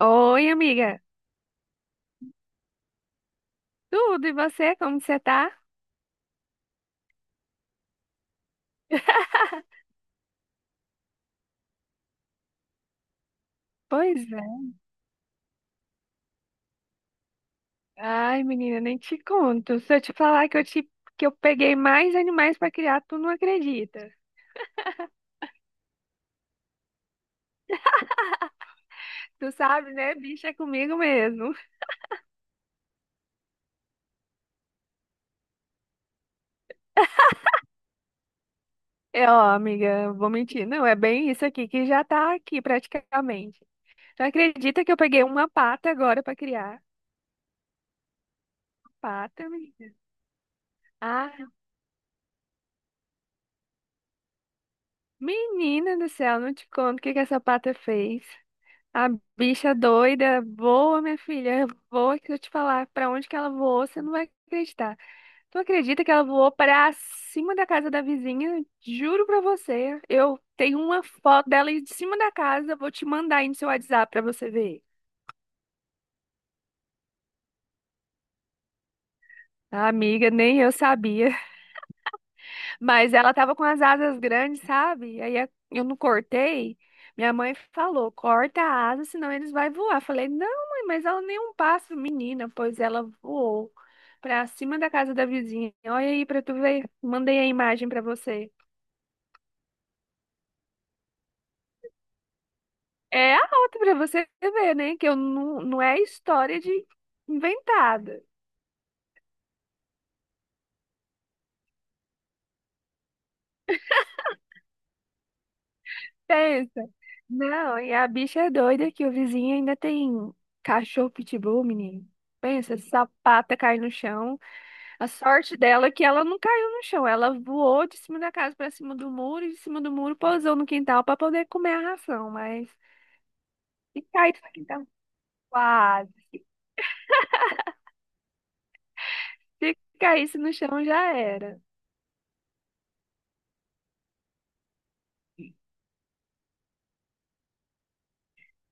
Oi, amiga. Tudo, e você? Como você tá? Pois é. Ai, menina, nem te conto. Se eu te falar que eu, te, que eu peguei mais animais pra criar, tu não acredita. Tu sabe, né? Bicho é comigo mesmo. É, ó, amiga, vou mentir. Não, é bem isso aqui que já tá aqui praticamente. Tu acredita que eu peguei uma pata agora pra criar? Pata, menina. Ah, menina do céu, não te conto o que que essa pata fez. A bicha doida, voa, minha filha, voa que eu te falar pra onde que ela voou, você não vai acreditar. Tu acredita que ela voou pra cima da casa da vizinha? Juro pra você, eu tenho uma foto dela aí de cima da casa, vou te mandar aí no seu WhatsApp pra você ver. Amiga, nem eu sabia. Mas ela tava com as asas grandes, sabe? Aí eu não cortei. Minha mãe falou: corta a asa, senão eles vão voar. Falei: não, mãe, mas ela nem é um pássaro, menina. Pois ela voou pra cima da casa da vizinha. Olha aí pra tu ver. Mandei a imagem pra você. É a outra pra você ver, né? Que eu não é história de inventada. Pensa. Não, e a bicha é doida que o vizinho ainda tem cachorro pitbull, menino. Pensa, sapata cai no chão. A sorte dela é que ela não caiu no chão. Ela voou de cima da casa para cima do muro e de cima do muro pousou no quintal para poder comer a ração. Mas se caísse no quintal, quase. Se caísse no chão, já era.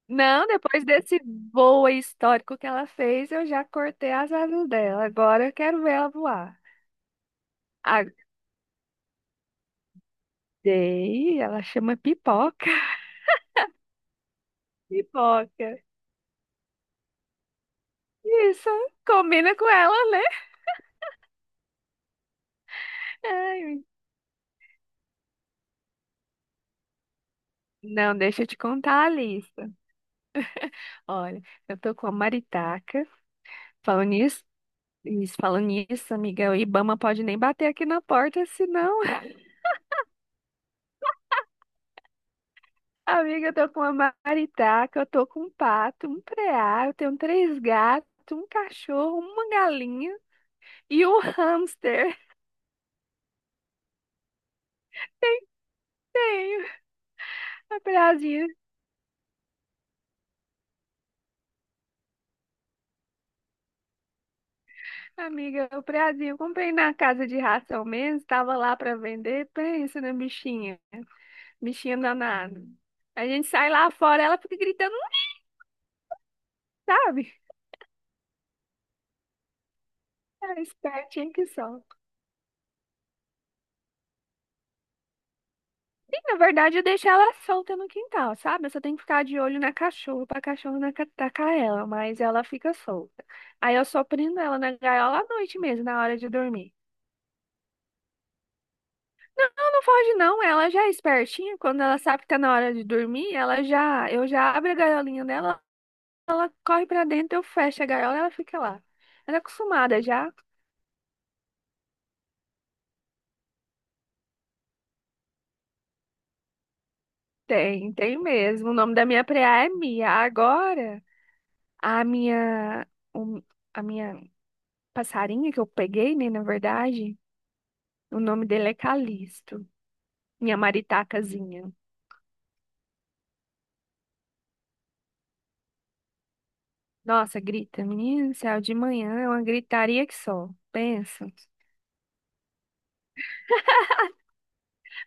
Não, depois desse voo aí histórico que ela fez, eu já cortei as asas dela. Agora eu quero ver ela voar. A daí ela chama pipoca. Pipoca. Isso, combina com ela, né? Ai, não, deixa eu te contar a lista. Olha, eu tô com a maritaca. Falando nisso, isso, falando nisso, amiga, o Ibama pode nem bater aqui na porta, senão, amiga, eu tô com uma maritaca, eu tô com um pato, um preá, eu tenho três gatos, um cachorro, uma galinha e um hamster. Tenho a preazinha, amiga, o preazinho, eu comprei na casa de ração mesmo, tava lá pra vender, pensa na bichinha, bichinha danada. A gente sai lá fora, ela fica gritando, não sabe? É espertinha que só. Sim, na verdade, eu deixo ela solta no quintal, sabe? Eu só tenho que ficar de olho na cachorra, pra cachorra não atacar ela, mas ela fica solta. Aí eu só prendo ela na gaiola à noite mesmo, na hora de dormir. Ela não foge, não, ela já é espertinha. Quando ela sabe que tá na hora de dormir, eu já abro a gaiolinha dela, ela corre pra dentro, eu fecho a gaiola e ela fica lá. Ela é acostumada já? Tem, tem mesmo. O nome da minha preá é Mia. Agora, a minha, o- a minha passarinha que eu peguei, né, na verdade. O nome dele é Calixto, minha maritacazinha. Nossa, grita, menino do céu, de manhã é uma gritaria que só. Pensa.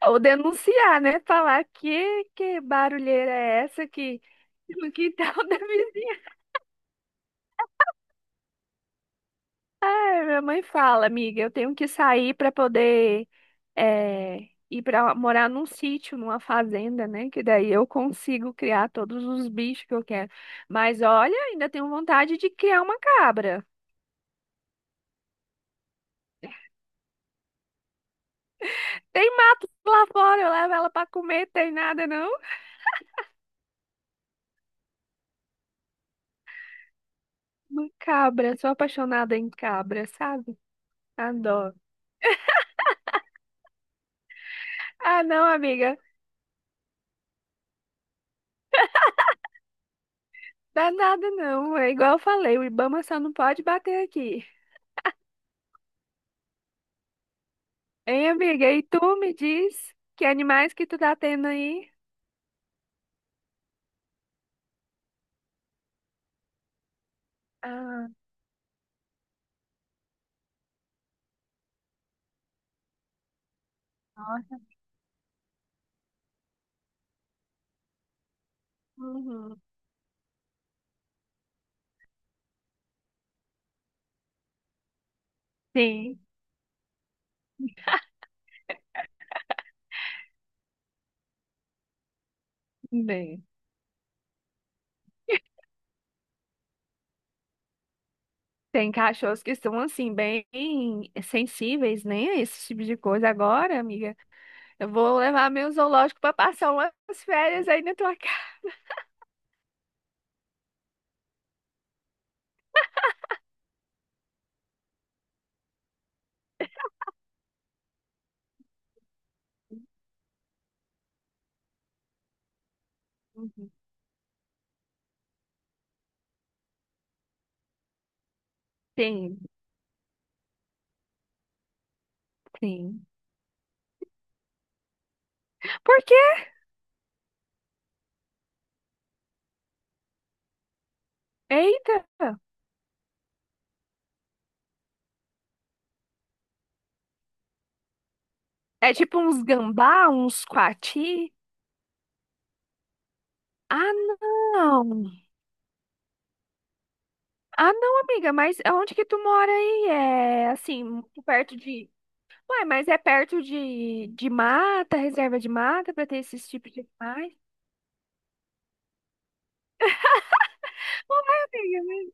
Ou denunciar, né? Falar que barulheira é essa que no quintal da vizinha. É, minha mãe fala, amiga, eu tenho que sair para poder ir para morar num sítio, numa fazenda, né? Que daí eu consigo criar todos os bichos que eu quero. Mas olha, ainda tenho vontade de criar uma cabra. Tem mato lá fora, eu levo ela pra comer, tem nada não? Uma cabra, sou apaixonada em cabra, sabe? Adoro. Ah, não, amiga, dá nada não. É igual eu falei, o Ibama só não pode bater aqui. Hein, amiga? E tu me diz que animais que tu tá tendo aí? Ah, nossa. Uhum. Sim, bem. Tem cachorros que são assim, bem sensíveis, né? A esse tipo de coisa. Agora, amiga, eu vou levar meu zoológico pra passar umas férias aí na tua casa. Uhum. Sim, sim. Por quê? Eita! É tipo uns gambá, uns coati? Ah, não! Ah, não, amiga, mas onde que tu mora aí? É assim, muito perto de. Ué, mas é perto de mata, reserva de mata, pra ter esses tipos de animais? Ué, amiga, mas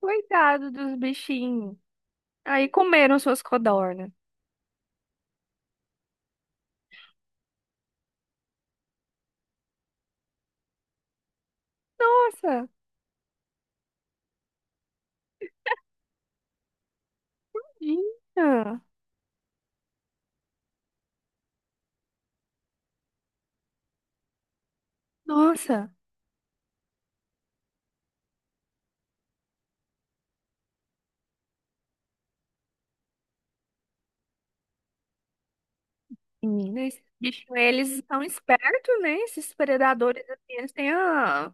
coitado dos bichinhos. Aí comeram suas codornas. Nossa, tadinha. Nossa. Menina, esses bichos, eles são espertos, né? Esses predadores, assim, eles têm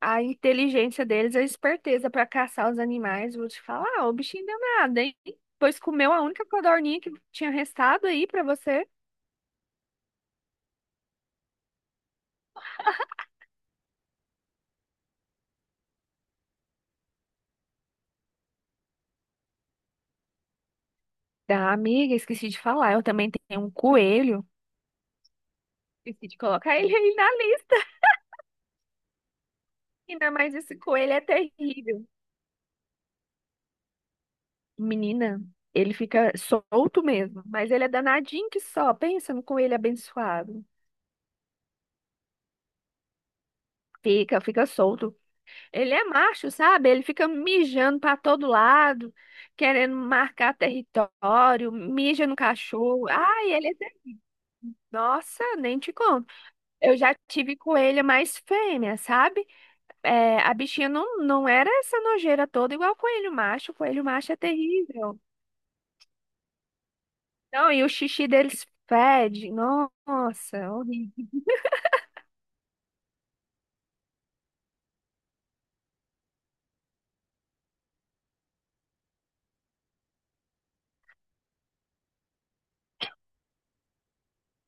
a inteligência deles, a esperteza para caçar os animais. Vou te falar, o bichinho deu nada, hein? Pois comeu a única codorninha que tinha restado aí para você. Da amiga, esqueci de falar, eu também tenho um coelho. Esqueci de colocar ele aí na lista, ainda mais esse coelho é terrível. Menina, ele fica solto mesmo, mas ele é danadinho que só. Pensa no coelho abençoado. Fica, fica solto. Ele é macho, sabe? Ele fica mijando para todo lado, querendo marcar território, mija no cachorro. Ai, nossa, nem te conto. Eu já tive coelha mais fêmea, sabe? É, a bichinha não era essa nojeira toda igual coelho macho. Coelho macho é terrível. Não, e o xixi deles fede. Nossa, horrível.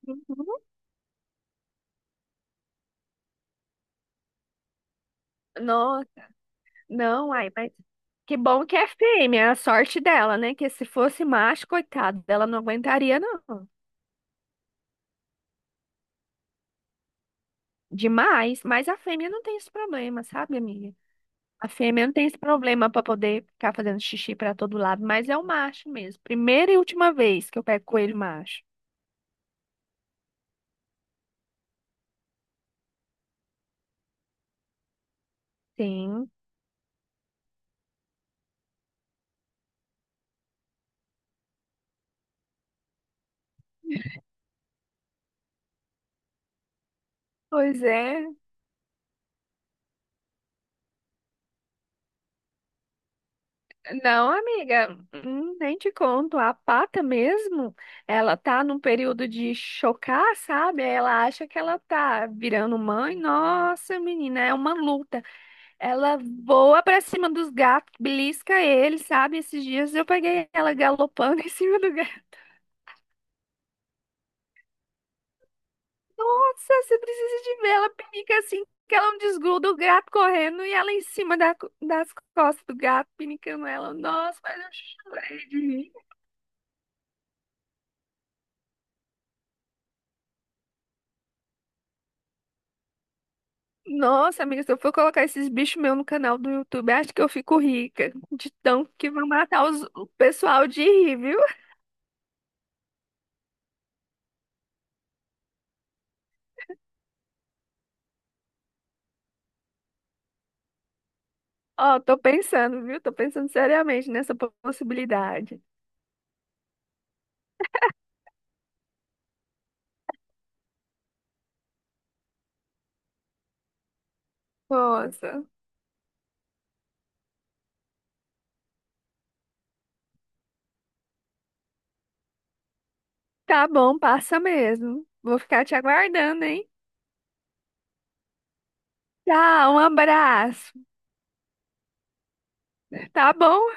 Uhum. Nossa, não, ai, mas. Que bom que é fêmea, é a sorte dela, né? Que se fosse macho, coitado, ela não aguentaria, não. Demais. Mas a fêmea não tem esse problema, sabe, amiga? A fêmea não tem esse problema pra poder ficar fazendo xixi pra todo lado, mas é o macho mesmo. Primeira e última vez que eu pego coelho macho. Sim. Pois é. Não, amiga, nem te conto. A pata mesmo, ela tá num período de chocar, sabe? Aí ela acha que ela tá virando mãe. Nossa, menina, é uma luta. Ela voa pra cima dos gatos, belisca eles, sabe? Esses dias eu peguei ela galopando em cima do gato. Nossa, você precisa de ver. Ela pinica assim, que ela não desgruda o gato correndo e ela em cima das costas do gato, pinicando ela. Nossa, mas eu chorei de rir. Nossa, amiga, se eu for colocar esses bichos meus no canal do YouTube, acho que eu fico rica. De tão que vão matar o pessoal de rir, viu? Ó, tô pensando, viu? Tô pensando seriamente nessa possibilidade. Nossa. Tá bom, passa mesmo. Vou ficar te aguardando, hein? Tchau, um abraço. Tá bom?